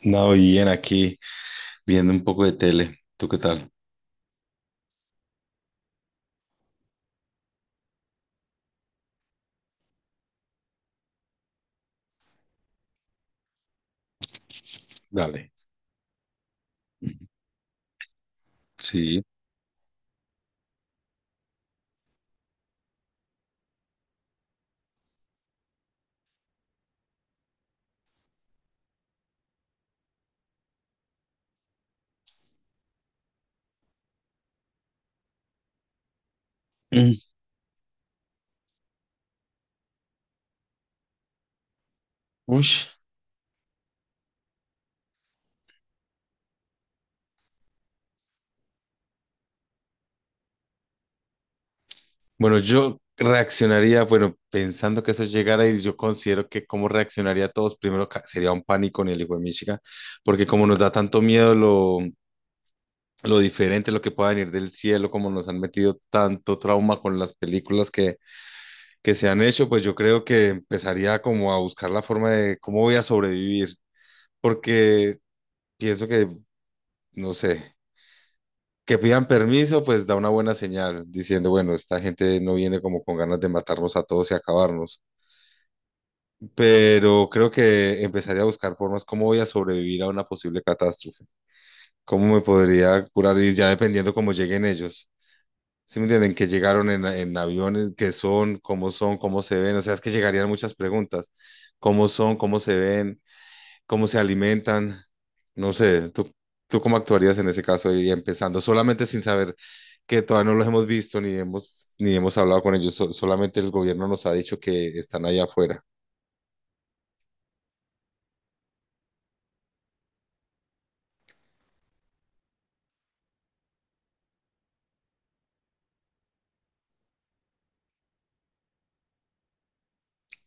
No, bien, aquí viendo un poco de tele. ¿Tú qué tal? Dale. Sí. Mm. Uy. Bueno, yo reaccionaría, bueno, pensando que eso llegara y yo considero que cómo reaccionaría a todos, primero sería un pánico en el hijo de Michigan, porque como nos da tanto miedo lo diferente, lo que pueda venir del cielo, como nos han metido tanto trauma con las películas que se han hecho, pues yo creo que empezaría como a buscar la forma de cómo voy a sobrevivir, porque pienso que, no sé. Que pidan permiso, pues da una buena señal, diciendo, bueno, esta gente no viene como con ganas de matarnos a todos y acabarnos, pero creo que empezaría a buscar formas cómo voy a sobrevivir a una posible catástrofe, cómo me podría curar y ya dependiendo cómo lleguen ellos. ¿Sí me entienden? Que llegaron en aviones, qué son, cómo se ven, o sea, es que llegarían muchas preguntas, cómo son, cómo se ven, cómo se alimentan, no sé, ¿ tú cómo actuarías en ese caso y empezando solamente sin saber que todavía no los hemos visto ni hemos hablado con ellos, solamente el gobierno nos ha dicho que están allá afuera,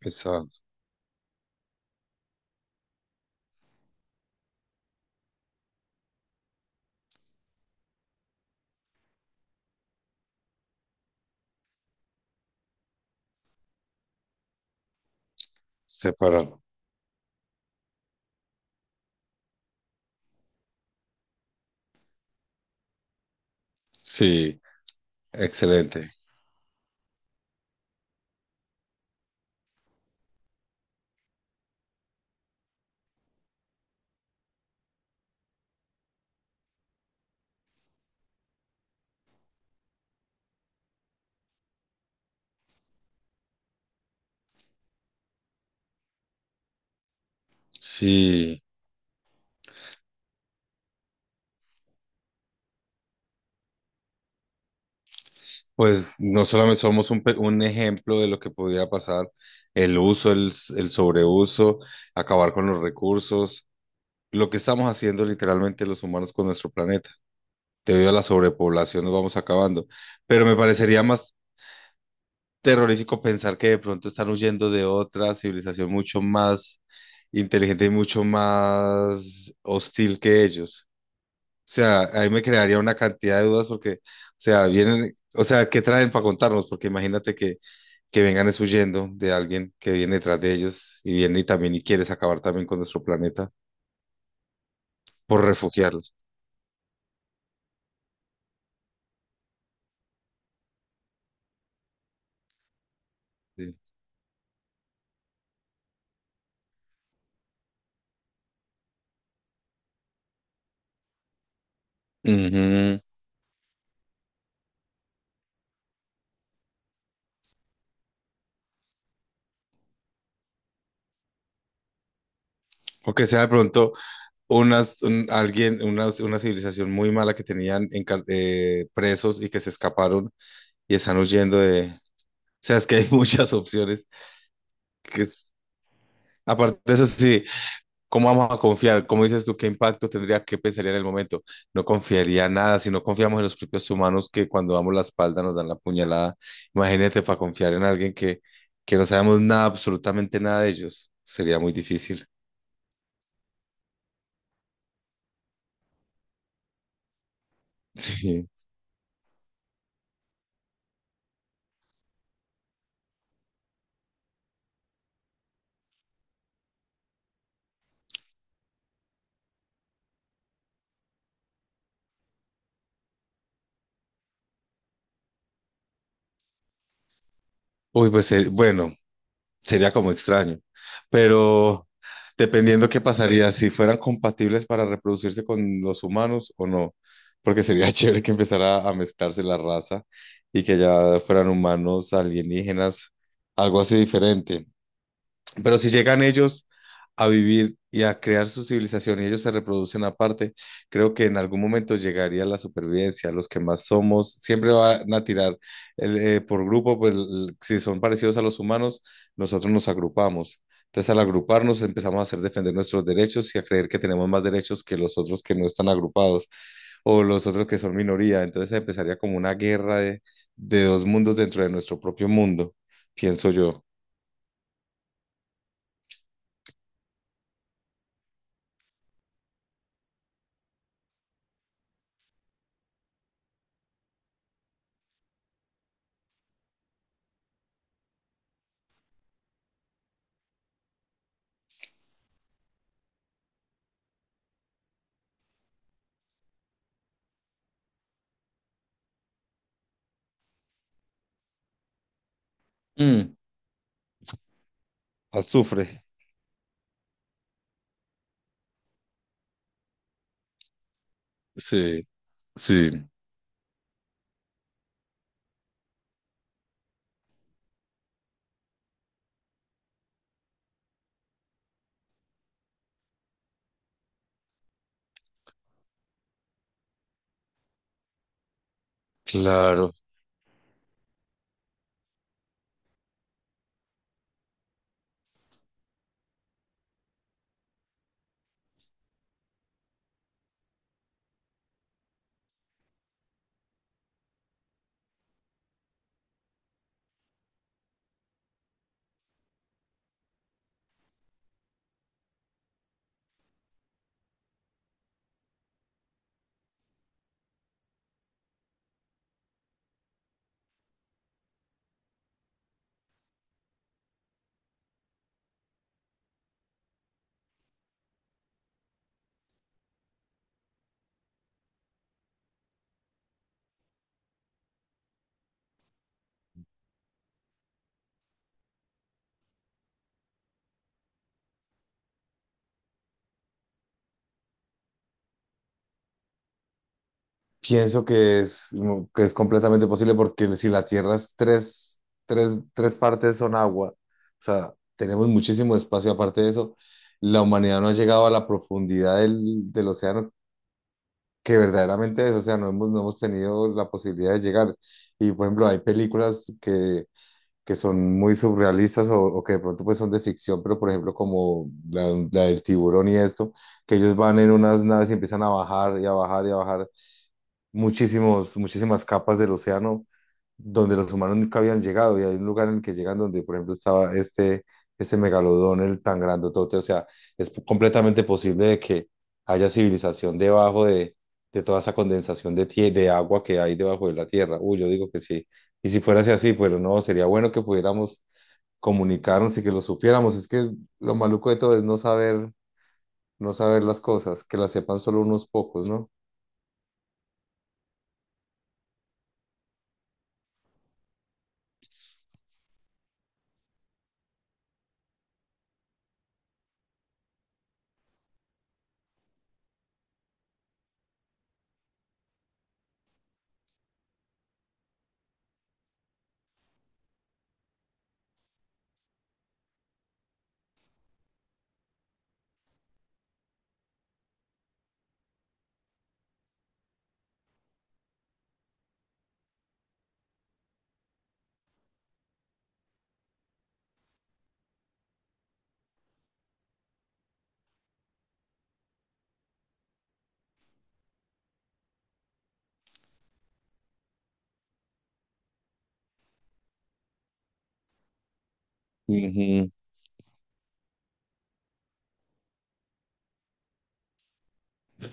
están. Separado. Sí, excelente. Sí, pues no solamente somos un ejemplo de lo que podría pasar, el uso, el sobreuso, acabar con los recursos, lo que estamos haciendo literalmente los humanos con nuestro planeta. Debido a la sobrepoblación nos vamos acabando. Pero me parecería más terrorífico pensar que de pronto están huyendo de otra civilización mucho más inteligente y mucho más hostil que ellos. O sea, ahí me crearía una cantidad de dudas porque, o sea, vienen, o sea, ¿qué traen para contarnos? Porque imagínate que vengan es huyendo de alguien que viene detrás de ellos y viene y también y quieres acabar también con nuestro planeta por refugiarlos. Sí. Ujú. O que sea de pronto unas, un- alguien, una civilización muy mala que tenían presos y que se escaparon y están huyendo de... O sea, es que hay muchas opciones. Que es- Aparte de eso, sí, ¿cómo vamos a confiar? ¿Cómo dices tú? ¿Qué impacto tendría? ¿Qué pensaría en el momento? No confiaría nada si no confiamos en los propios humanos que cuando damos la espalda nos dan la puñalada. Imagínate para confiar en alguien que no sabemos nada, absolutamente nada de ellos. Sería muy difícil. Sí. Uy, pues bueno, sería como extraño. Pero dependiendo qué pasaría, si fueran compatibles para reproducirse con los humanos o no, porque sería chévere que empezara a mezclarse la raza y que ya fueran humanos, alienígenas, algo así diferente. Pero si llegan ellos a vivir y a crear su civilización y ellos se reproducen aparte, creo que en algún momento llegaría la supervivencia. Los que más somos siempre van a tirar por grupo, pues si son parecidos a los humanos, nosotros nos agrupamos. Entonces, al agruparnos, empezamos a hacer defender nuestros derechos y a creer que tenemos más derechos que los otros que no están agrupados o los otros que son minoría. Entonces, empezaría como una guerra de dos mundos dentro de nuestro propio mundo, pienso yo. Mm, azufre. Sí, sí, claro. Pienso que es completamente posible porque si la Tierra es tres partes son agua, o sea, tenemos muchísimo espacio. Aparte de eso, la humanidad no ha llegado a la profundidad del océano que verdaderamente es, o sea, no hemos tenido la posibilidad de llegar. Y por ejemplo, hay películas que son muy surrealistas o que de pronto pues son de ficción, pero por ejemplo como la del tiburón y esto, que ellos van en unas naves y empiezan a bajar y a bajar y a bajar muchísimas capas del océano donde los humanos nunca habían llegado y hay un lugar en el que llegan donde, por ejemplo, este megalodón, el tan grandotote, o sea, es completamente posible de que haya civilización debajo de toda esa condensación de, de agua que hay debajo de la tierra. Uy, yo digo que sí. Y si fuera así, pero no, sería bueno que pudiéramos comunicarnos y que lo supiéramos. Es que lo maluco de todo es no saber, no saber las cosas, que las sepan solo unos pocos, ¿no?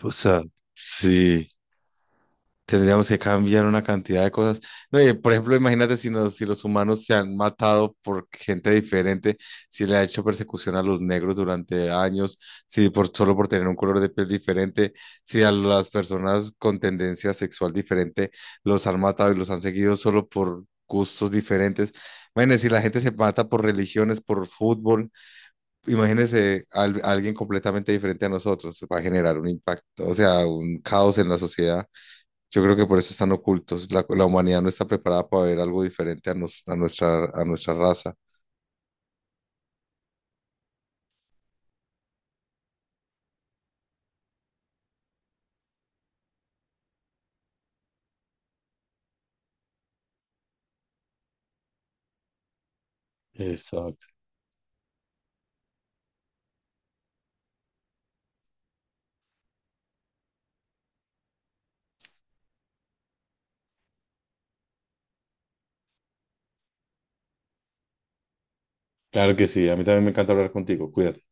O sea, sí, tendríamos que cambiar una cantidad de cosas. No, y, por ejemplo, imagínate si los humanos se han matado por gente diferente, si le ha hecho persecución a los negros durante años, si solo por tener un color de piel diferente, si a las personas con tendencia sexual diferente los han matado y los han seguido solo por gustos diferentes. Bueno, si la gente se mata por religiones, por fútbol. Imagínese alguien completamente diferente a nosotros, va a generar un impacto, o sea, un caos en la sociedad. Yo creo que por eso están ocultos. La humanidad no está preparada para ver algo diferente a, a nuestra raza. Exacto. Claro que sí. A mí también me encanta hablar contigo. Cuídate.